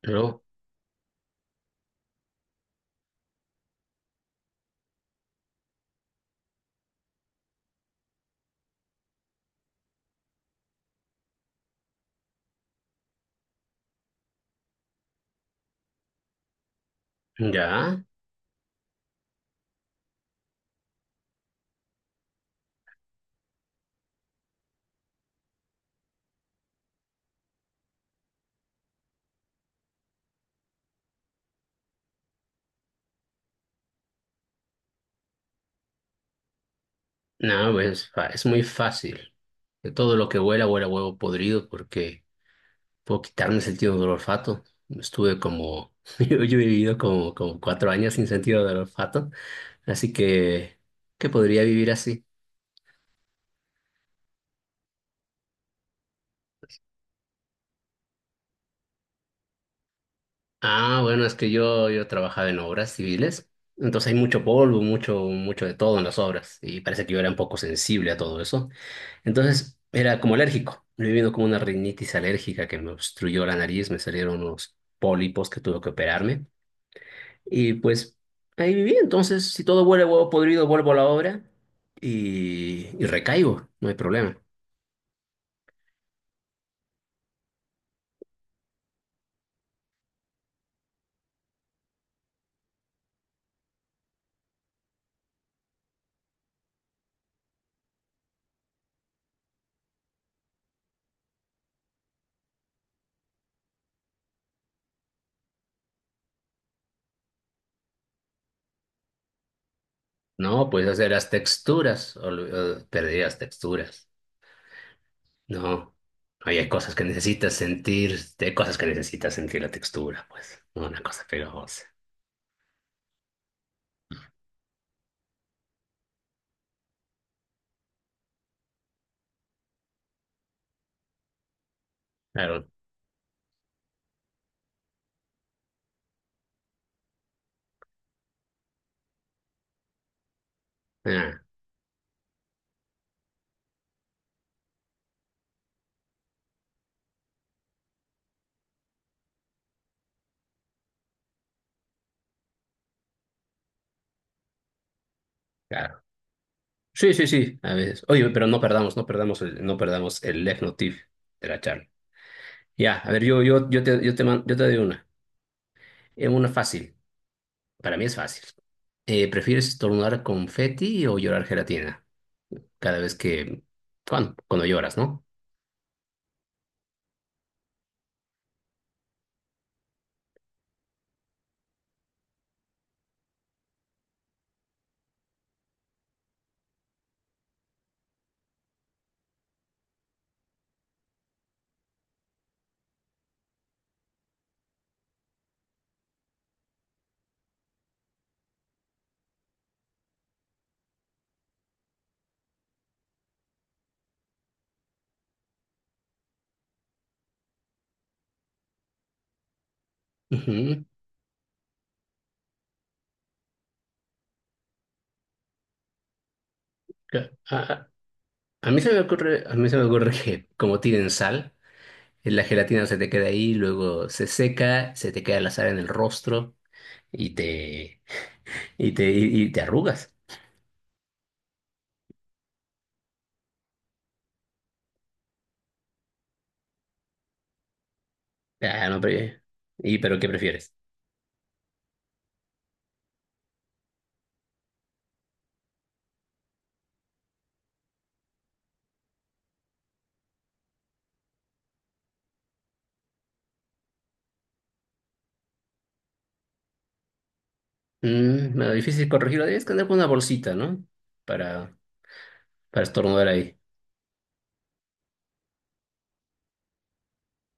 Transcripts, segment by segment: Pero, ya, no, pues, es muy fácil. De todo lo que huela, huela a huevo podrido porque puedo quitarme el sentido del olfato. Estuve como, yo he vivido como, como cuatro años sin sentido del olfato, así que, ¿qué podría vivir así? Ah, bueno, es que yo trabajaba en obras civiles, entonces hay mucho polvo, mucho, mucho de todo en las obras y parece que yo era un poco sensible a todo eso. Entonces era como alérgico. Me vino como una rinitis alérgica que me obstruyó la nariz, me salieron unos pólipos que tuve que operarme. Y pues ahí viví. Entonces, si todo huele a huevo podrido, vuelvo a la obra y recaigo, no hay problema. No, pues hacer las texturas, perdí las texturas. No, ahí hay cosas que necesitas sentir, hay cosas que necesitas sentir la textura, pues, una cosa pegajosa. Claro, ah, claro. Sí, sí, sí, a veces. Oye, pero no perdamos el left tip de la charla. Ya, a ver, yo te doy una. Es una fácil. Para mí es fácil. ¿Prefieres estornudar confeti o llorar gelatina? Cada vez que, cuando lloras, ¿no? Ujú. Ca- A, a- a mí se me ocurre, a mí se me ocurre que como tienen sal, la gelatina se te queda ahí, luego se seca, se te queda la sal en el rostro y te, y te arrugas. Ah, no, pero... ¿Y pero qué prefieres? Mm, me da difícil corregirlo. Debes andar con una bolsita, ¿no? Para, para estornudar ahí.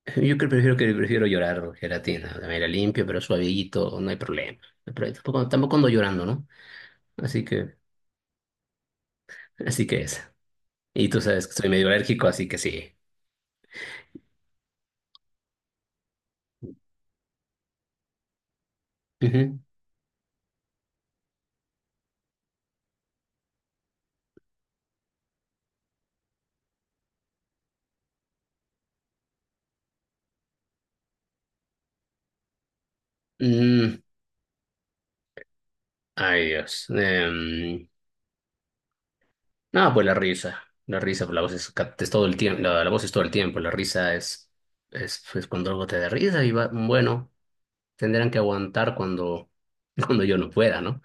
Yo creo prefiero que prefiero llorar gelatina. De manera limpio, pero suavito, no hay problema. No, pero tampoco, tampoco ando llorando, ¿no? Así que, así que es. Y tú sabes que soy medio alérgico, así que sí. Ujú. Mm, ay, Dios. No, pues la risa. La risa, pues la voz es, es todo el tiempo. La voz es todo el tiempo. La risa es, pues, cuando algo te da risa y va, bueno. Tendrán que aguantar cuando, cuando yo no pueda, ¿no?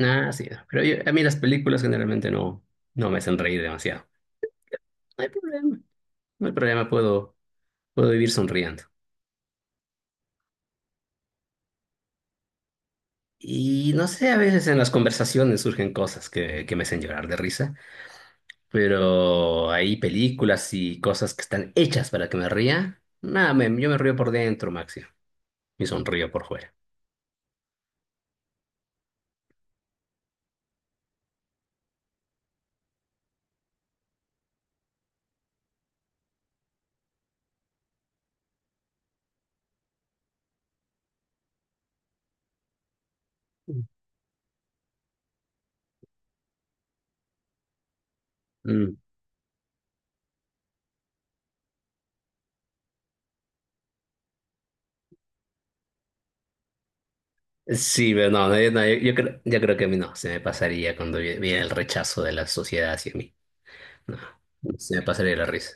Ah, sí, no. Pero a mí las películas generalmente no, no me hacen reír demasiado. No hay problema, no hay problema, puedo, puedo vivir sonriendo. Y no sé, a veces en las conversaciones surgen cosas que me hacen llorar de risa, pero hay películas y cosas que están hechas para que me ría. Nada, yo me río por dentro, Maxi, y sonrío por fuera. Mm. Sí, pero no, no, yo, no, yo creo que a mí no, se me pasaría cuando viene el rechazo de la sociedad hacia mí. No, se me pasaría la risa.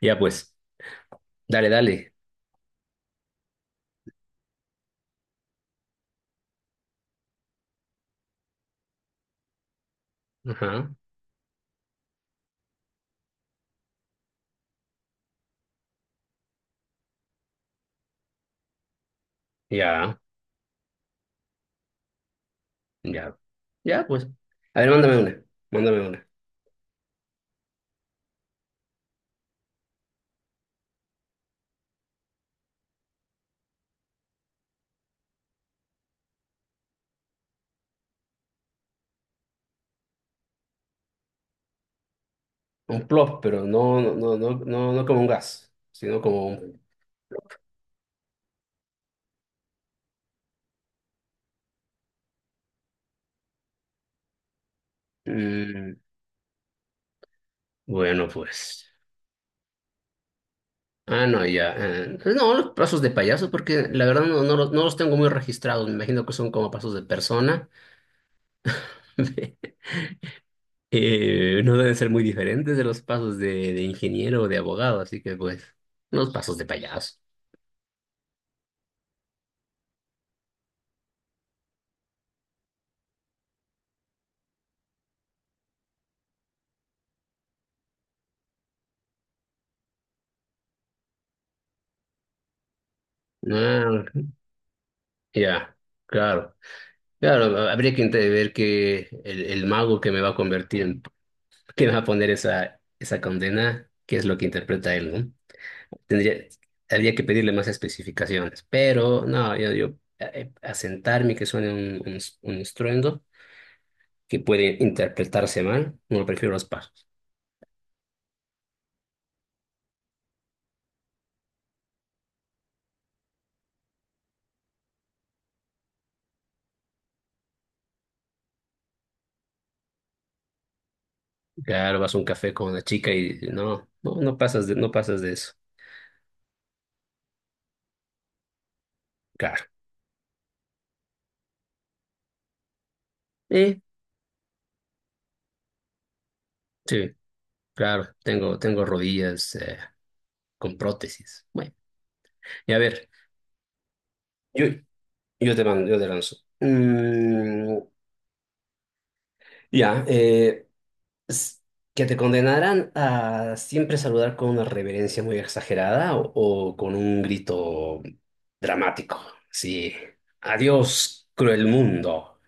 Ya pues, dale, dale. Ajá, ya, ya. Ya pues. A ver, mándame una, mándame una. Un plop, pero no, no, no, no, no, no como un gas, sino como un... Mm, bueno, pues. Ah, no, ya. No, los pasos de payaso, porque la verdad no, no los tengo muy registrados. Me imagino que son como pasos de persona. No deben ser muy diferentes de los pasos de ingeniero o de abogado, así que pues, unos pasos de payaso. Ah, ya, claro. Claro, ver que el mago que me va a convertir en, que me va a poner esa, esa condena, qué es lo que interpreta él, ¿no? Tendría, habría que pedirle más especificaciones, pero no, yo asentarme que suene un estruendo que puede interpretarse mal, no prefiero los pasos. Claro, vas a un café con una chica y no, no, no pasas de eso. Claro. Eh, sí, claro, tengo, tengo rodillas con prótesis. Bueno, y a ver, yo, yo yo te lanzo. Mm, ya, s- que te condenaran a siempre saludar con una reverencia muy exagerada o con un grito dramático. Sí. Adiós, cruel mundo.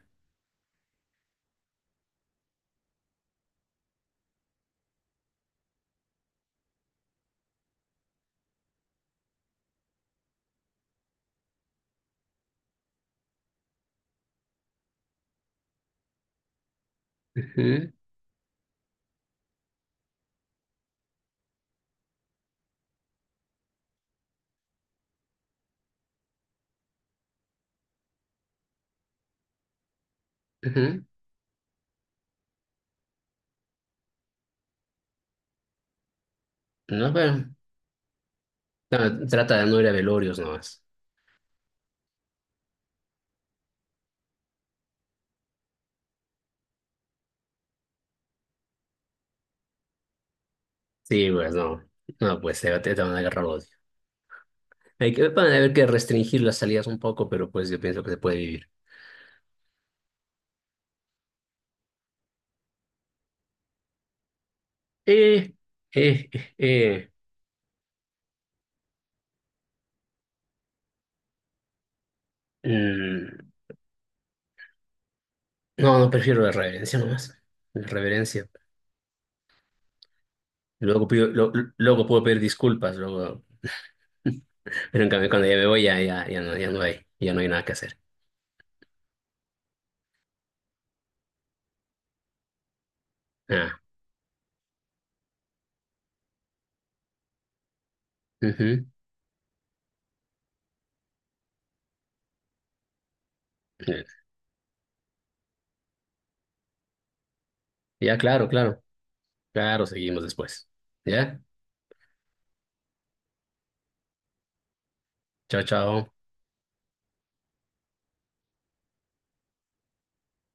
Ujú, ujú. No, bueno. No, trata de no ir a velorios nomás. Sí, pues no. No, pues te van a agarrar odio. Hay que, van a haber que restringir las salidas un poco, pero pues yo pienso que se puede vivir. Eh, eh, eh, eh. Mm, no, no prefiero la reverencia nomás. La reverencia. Luego pido, lo- luego puedo pedir disculpas, luego. Pero en cambio, cuando ya me voy, ya, ya, ya no, ya no hay nada que hacer. Ah, ujú. Ya, claro, claro. Claro, seguimos después. ¿Ya? Chao, chao.